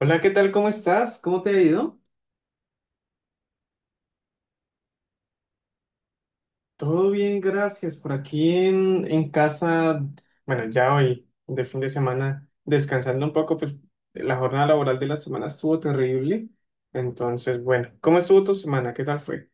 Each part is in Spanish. Hola, ¿qué tal? ¿Cómo estás? ¿Cómo te ha ido? Todo bien, gracias. Por aquí en casa, bueno, ya hoy, de fin de semana, descansando un poco, pues la jornada laboral de la semana estuvo terrible. Entonces, bueno, ¿cómo estuvo tu semana? ¿Qué tal fue?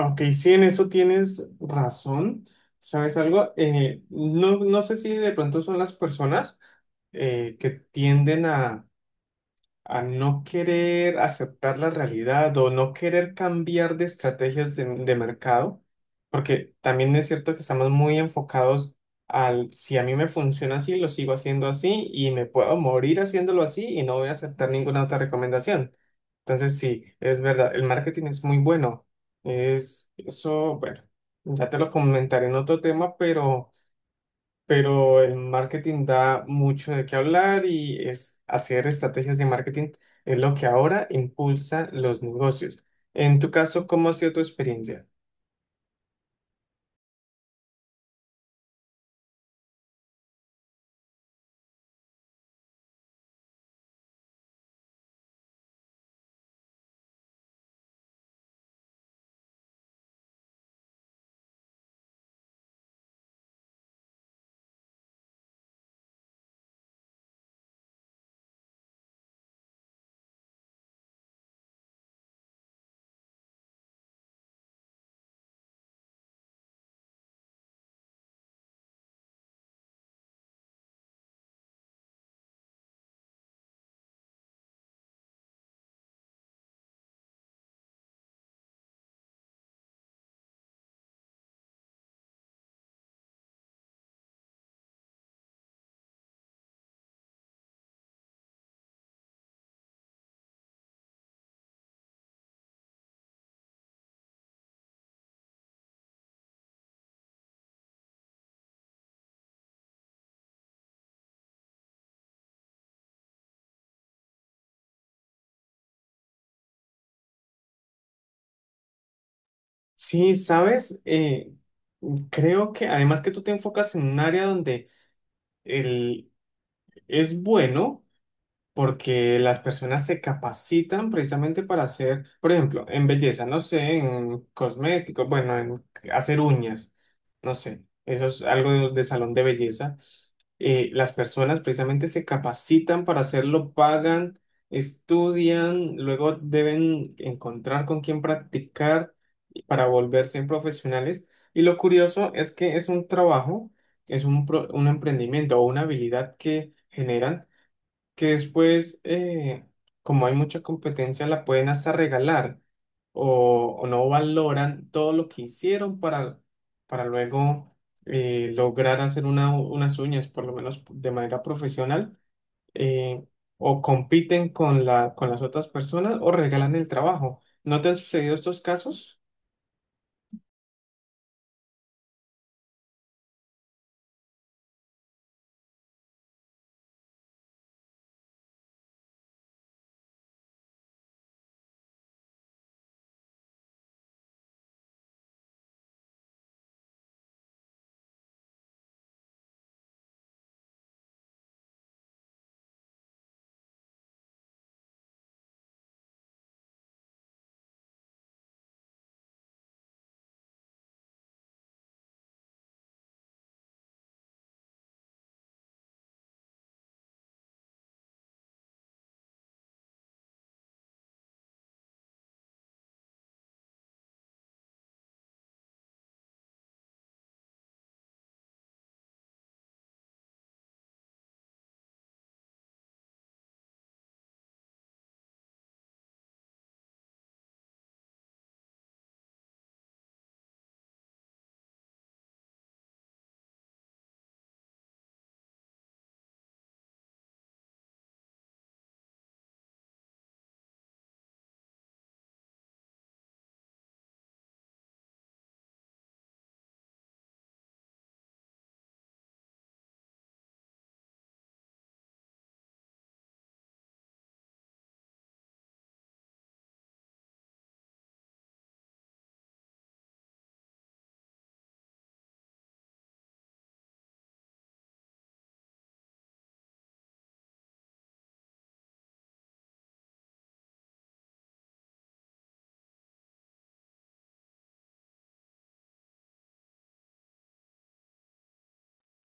Ok, sí, en eso tienes razón. ¿Sabes algo? No, no sé si de pronto son las personas que tienden a no querer aceptar la realidad o no querer cambiar de estrategias de mercado, porque también es cierto que estamos muy enfocados al si a mí me funciona así, lo sigo haciendo así y me puedo morir haciéndolo así y no voy a aceptar ninguna otra recomendación. Entonces, sí, es verdad, el marketing es muy bueno. Es eso, bueno, ya te lo comentaré en otro tema, pero el marketing da mucho de qué hablar y es hacer estrategias de marketing es lo que ahora impulsa los negocios. En tu caso, ¿cómo ha sido tu experiencia? Sí, sabes. Creo que además que tú te enfocas en un área donde el, es bueno, porque las personas se capacitan precisamente para hacer, por ejemplo, en belleza, no sé, en cosméticos, bueno, en hacer uñas, no sé, eso es algo de salón de belleza. Las personas precisamente se capacitan para hacerlo, pagan, estudian, luego deben encontrar con quién practicar para volverse profesionales. Y lo curioso es que es un trabajo, es un, un emprendimiento o una habilidad que generan que después, como hay mucha competencia, la pueden hasta regalar o no valoran todo lo que hicieron para luego lograr hacer unas uñas, por lo menos de manera profesional, eh, o compiten con la, con las otras personas o regalan el trabajo. ¿No te han sucedido estos casos?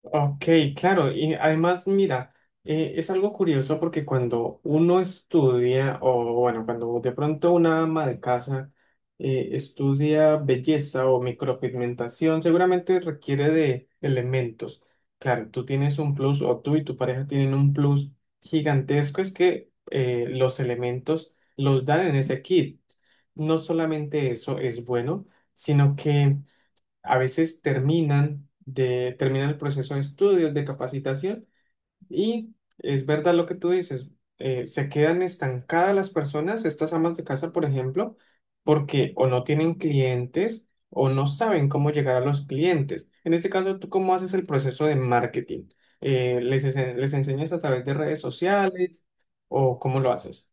Ok, claro, y además, mira, es algo curioso porque cuando uno estudia, o bueno, cuando de pronto una ama de casa estudia belleza o micropigmentación, seguramente requiere de elementos. Claro, tú tienes un plus, o tú y tu pareja tienen un plus gigantesco, es que los elementos los dan en ese kit. No solamente eso es bueno, sino que a veces terminan el proceso de estudios, de capacitación y es verdad lo que tú dices, se quedan estancadas las personas, estas amas de casa, por ejemplo, porque o no tienen clientes o no saben cómo llegar a los clientes. En este caso, ¿tú cómo haces el proceso de marketing? ¿Les, les enseñas a través de redes sociales o cómo lo haces?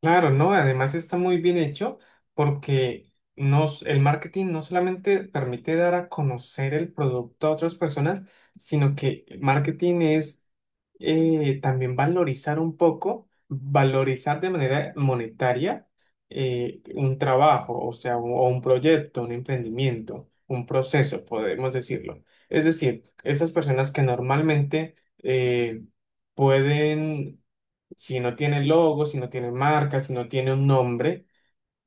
Claro, ¿no? Además está muy bien hecho porque el marketing no solamente permite dar a conocer el producto a otras personas, sino que el marketing es también valorizar un poco, valorizar de manera monetaria un trabajo, o sea, o un proyecto, un emprendimiento, un proceso, podemos decirlo. Es decir, esas personas que normalmente eh, pueden si no tiene logo, si no tiene marca, si no tiene un nombre,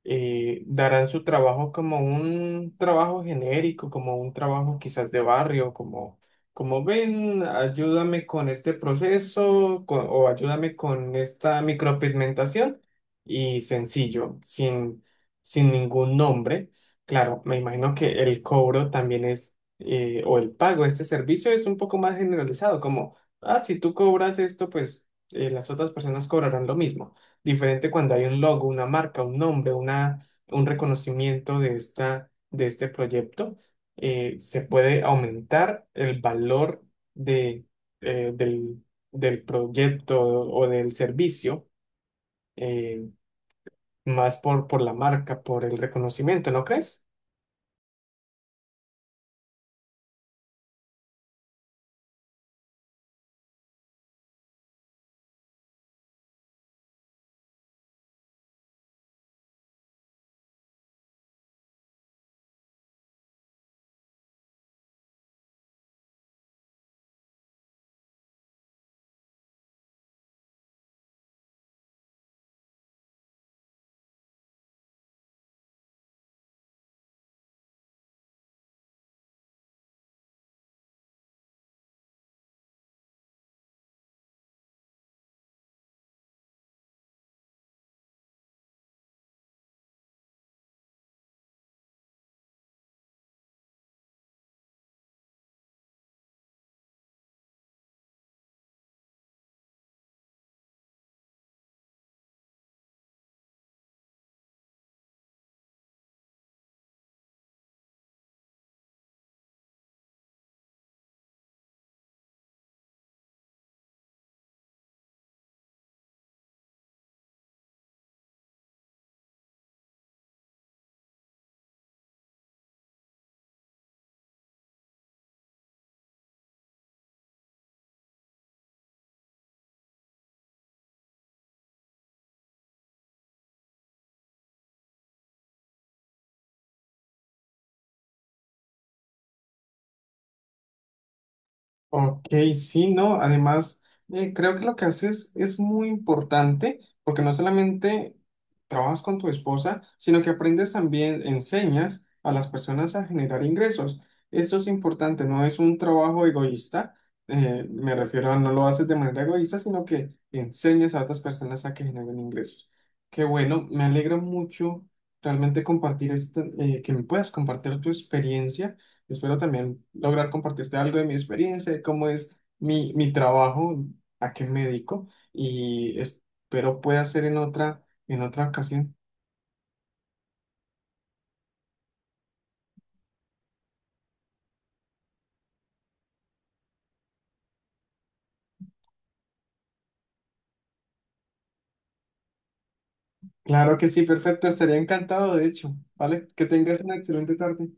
darán su trabajo como un trabajo genérico, como un trabajo quizás de barrio, como, como ven, ayúdame con este proceso con o ayúdame con esta micropigmentación y sencillo, sin, sin ningún nombre. Claro, me imagino que el cobro también es, o el pago de este servicio es un poco más generalizado, como, ah, si tú cobras esto, pues las otras personas cobrarán lo mismo. Diferente cuando hay un logo, una marca, un nombre, una, un reconocimiento de esta, de este proyecto, se puede aumentar el valor de, eh, del, del proyecto o del servicio, eh, más por la marca, por el reconocimiento, ¿no crees? Ok, sí, no, además creo que lo que haces es muy importante porque no solamente trabajas con tu esposa, sino que aprendes también, enseñas a las personas a generar ingresos. Esto es importante, no es un trabajo egoísta, me refiero a no lo haces de manera egoísta, sino que enseñas a otras personas a que generen ingresos. Qué bueno, me alegra mucho realmente compartir esto, que me puedas compartir tu experiencia. Espero también lograr compartirte algo de mi experiencia, de cómo es mi trabajo, a qué me dedico y espero pueda ser en otra ocasión. Claro que sí, perfecto, estaría encantado, de hecho, ¿vale? Que tengas una excelente tarde.